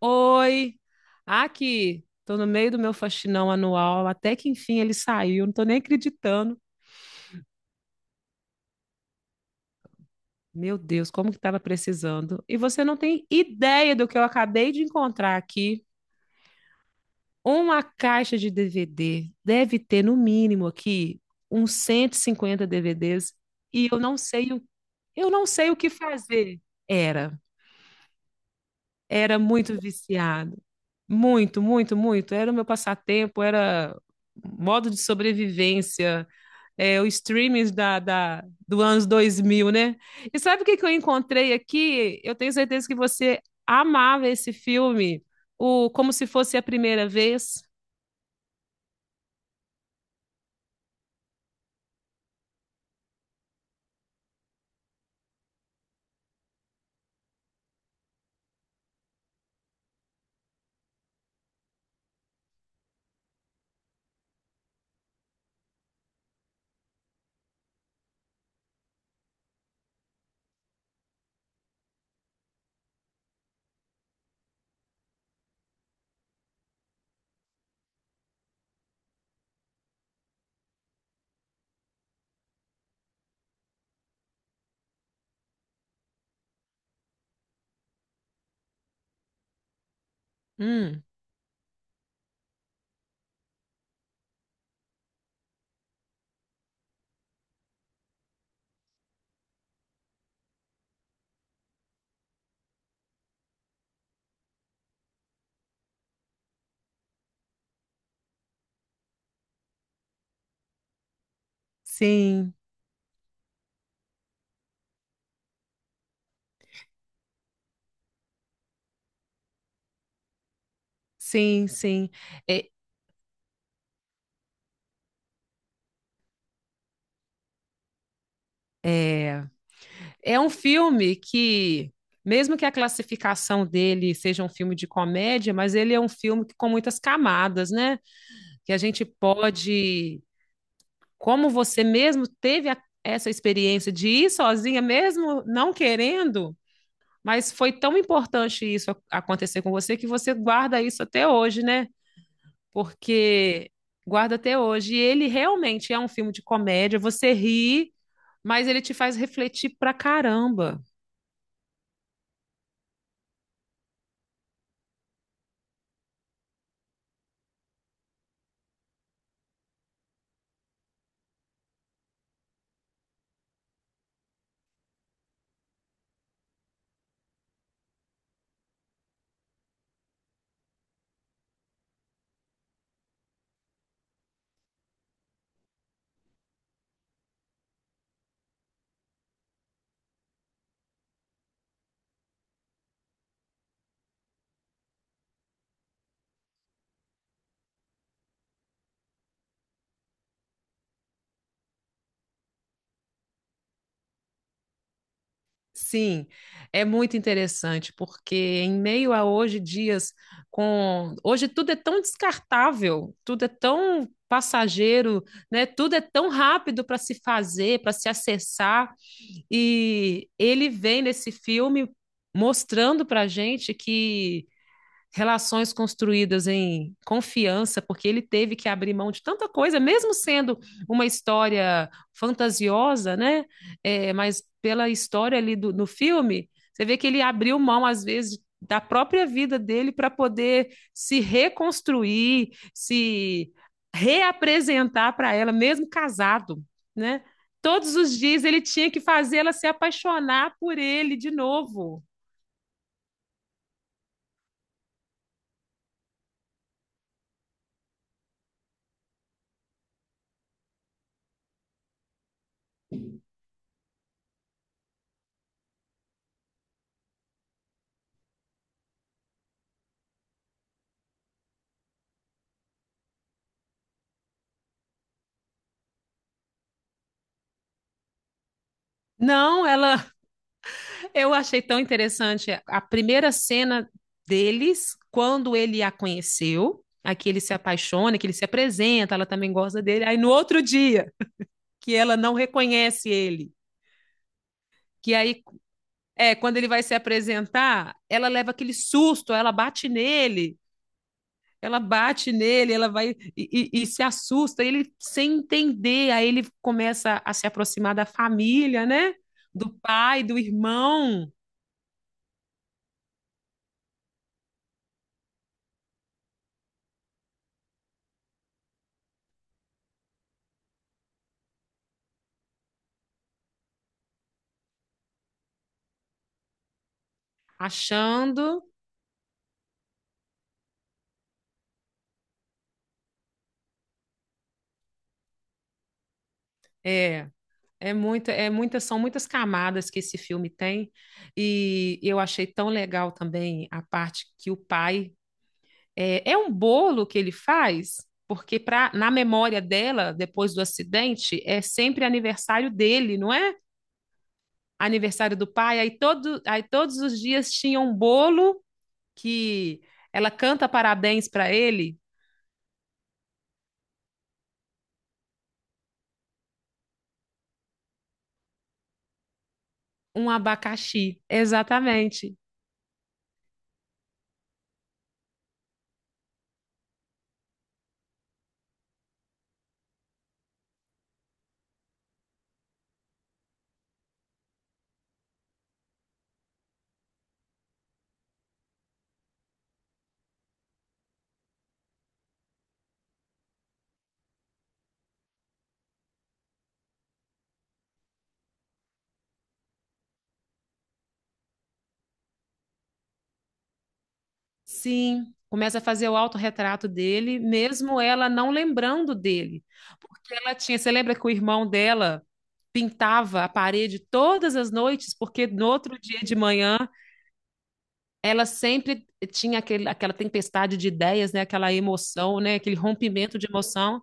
Oi, aqui, tô no meio do meu faxinão anual, até que enfim ele saiu, não tô nem acreditando. Meu Deus, como que tava precisando? E você não tem ideia do que eu acabei de encontrar aqui. Uma caixa de DVD. Deve ter no mínimo aqui uns 150 DVDs e eu não sei o que fazer. Era, era muito viciado. Muito, muito, muito. Era o meu passatempo, era modo de sobrevivência, é, o streaming do anos 2000, né? E sabe o que, que eu encontrei aqui? Eu tenho certeza que você amava esse filme, o Como Se Fosse a Primeira Vez. Hum, sim, sim, sim. É, é, é um filme que, mesmo que a classificação dele seja um filme de comédia, mas ele é um filme que, com muitas camadas, né? Que a gente pode como você mesmo teve essa experiência de ir sozinha, mesmo não querendo, mas foi tão importante isso acontecer com você que você guarda isso até hoje, né? Porque guarda até hoje. E ele realmente é um filme de comédia, você ri, mas ele te faz refletir pra caramba. Sim, é muito interessante, porque em meio a hoje dias com hoje tudo é tão descartável, tudo é tão passageiro, né? Tudo é tão rápido para se fazer, para se acessar, e ele vem nesse filme mostrando para gente que relações construídas em confiança, porque ele teve que abrir mão de tanta coisa, mesmo sendo uma história fantasiosa, né? É, mas pela história ali no filme, você vê que ele abriu mão, às vezes, da própria vida dele para poder se reconstruir, se reapresentar para ela, mesmo casado, né? Todos os dias ele tinha que fazer ela se apaixonar por ele de novo. Não, ela eu achei tão interessante a primeira cena deles, quando ele a conheceu, aqui ele se apaixona, que ele se apresenta, ela também gosta dele. Aí no outro dia, que ela não reconhece ele, que aí é quando ele vai se apresentar, ela leva aquele susto, ela bate nele, ela bate nele, ela vai e se assusta, ele sem entender, aí ele começa a se aproximar da família, né? Do pai, do irmão, achando é. É muita, são muitas camadas que esse filme tem, e eu achei tão legal também a parte que o pai é um bolo que ele faz, porque na memória dela, depois do acidente, é sempre aniversário dele, não é? Aniversário do pai, aí todos os dias tinha um bolo que ela canta parabéns para ele, um abacaxi, exatamente. Sim, começa a fazer o autorretrato dele, mesmo ela não lembrando dele. Porque ela tinha, você lembra que o irmão dela pintava a parede todas as noites, porque no outro dia de manhã ela sempre tinha aquela tempestade de ideias, né, aquela emoção, né, aquele rompimento de emoção.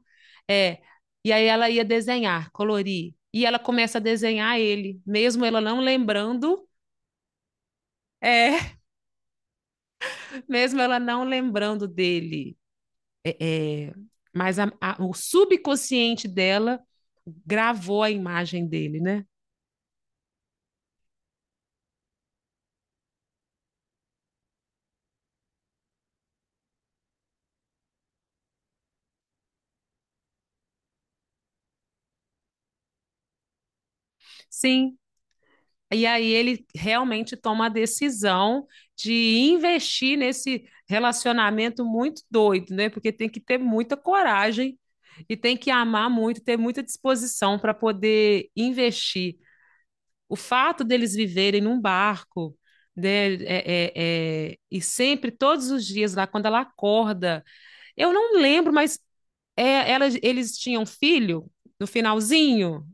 É, e aí ela ia desenhar, colorir. E ela começa a desenhar ele, mesmo ela não lembrando, é, mesmo ela não lembrando dele. É, mas o subconsciente dela gravou a imagem dele, né? Sim. E aí ele realmente toma a decisão de investir nesse relacionamento muito doido, né? Porque tem que ter muita coragem e tem que amar muito, ter muita disposição para poder investir. O fato deles viverem num barco, né? E sempre, todos os dias, lá quando ela acorda. Eu não lembro, mas eles tinham um filho no finalzinho,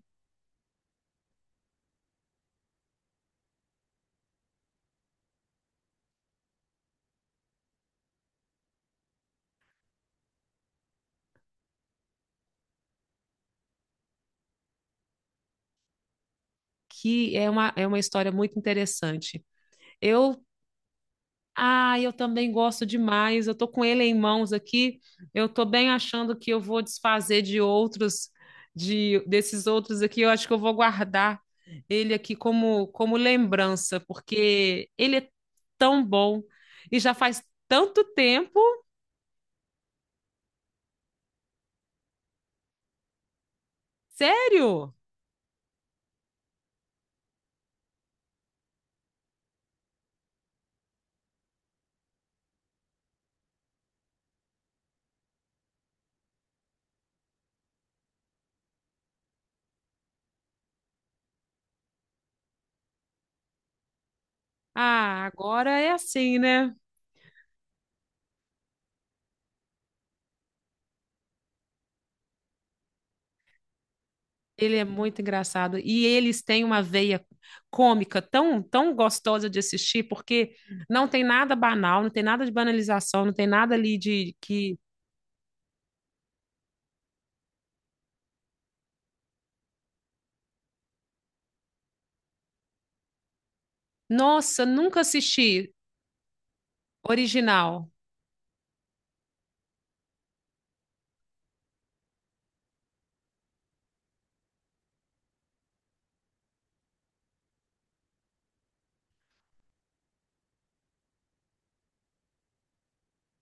que é uma história muito interessante. Eu, eu também gosto demais. Eu tô com ele em mãos aqui. Eu tô bem achando que eu vou desfazer de outros, de desses outros aqui. Eu acho que eu vou guardar ele aqui como lembrança, porque ele é tão bom e já faz tanto tempo. Sério? Ah, agora é assim, né? Ele é muito engraçado. E eles têm uma veia cômica tão, tão gostosa de assistir, porque não tem nada banal, não tem nada de banalização, não tem nada ali de que. Nossa, nunca assisti original.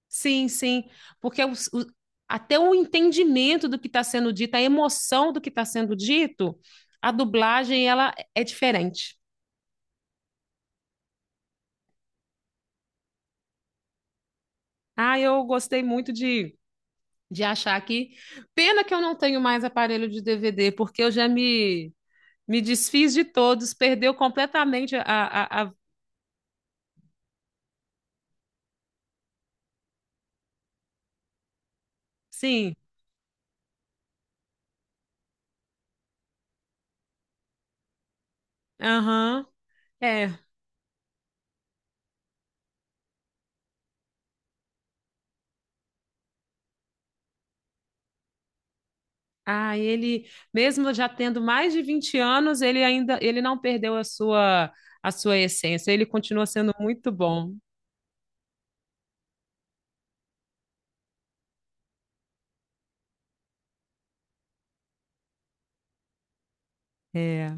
Sim, sim. Porque até o entendimento do que está sendo dito, a emoção do que está sendo dito, a dublagem ela é diferente. Ah, eu gostei muito de achar que. Pena que eu não tenho mais aparelho de DVD, porque eu já me Me desfiz de todos, perdeu completamente. Sim, aham, é. Ah, ele, mesmo já tendo mais de 20 anos, ele ainda, ele não perdeu a sua essência, ele continua sendo muito bom. É,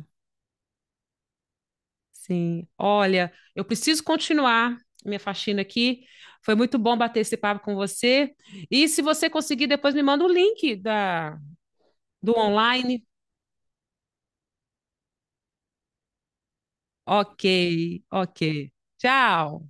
sim. Olha, eu preciso continuar minha faxina aqui, foi muito bom bater esse papo com você, e se você conseguir, depois me manda o link do online. Ok, ok. Tchau.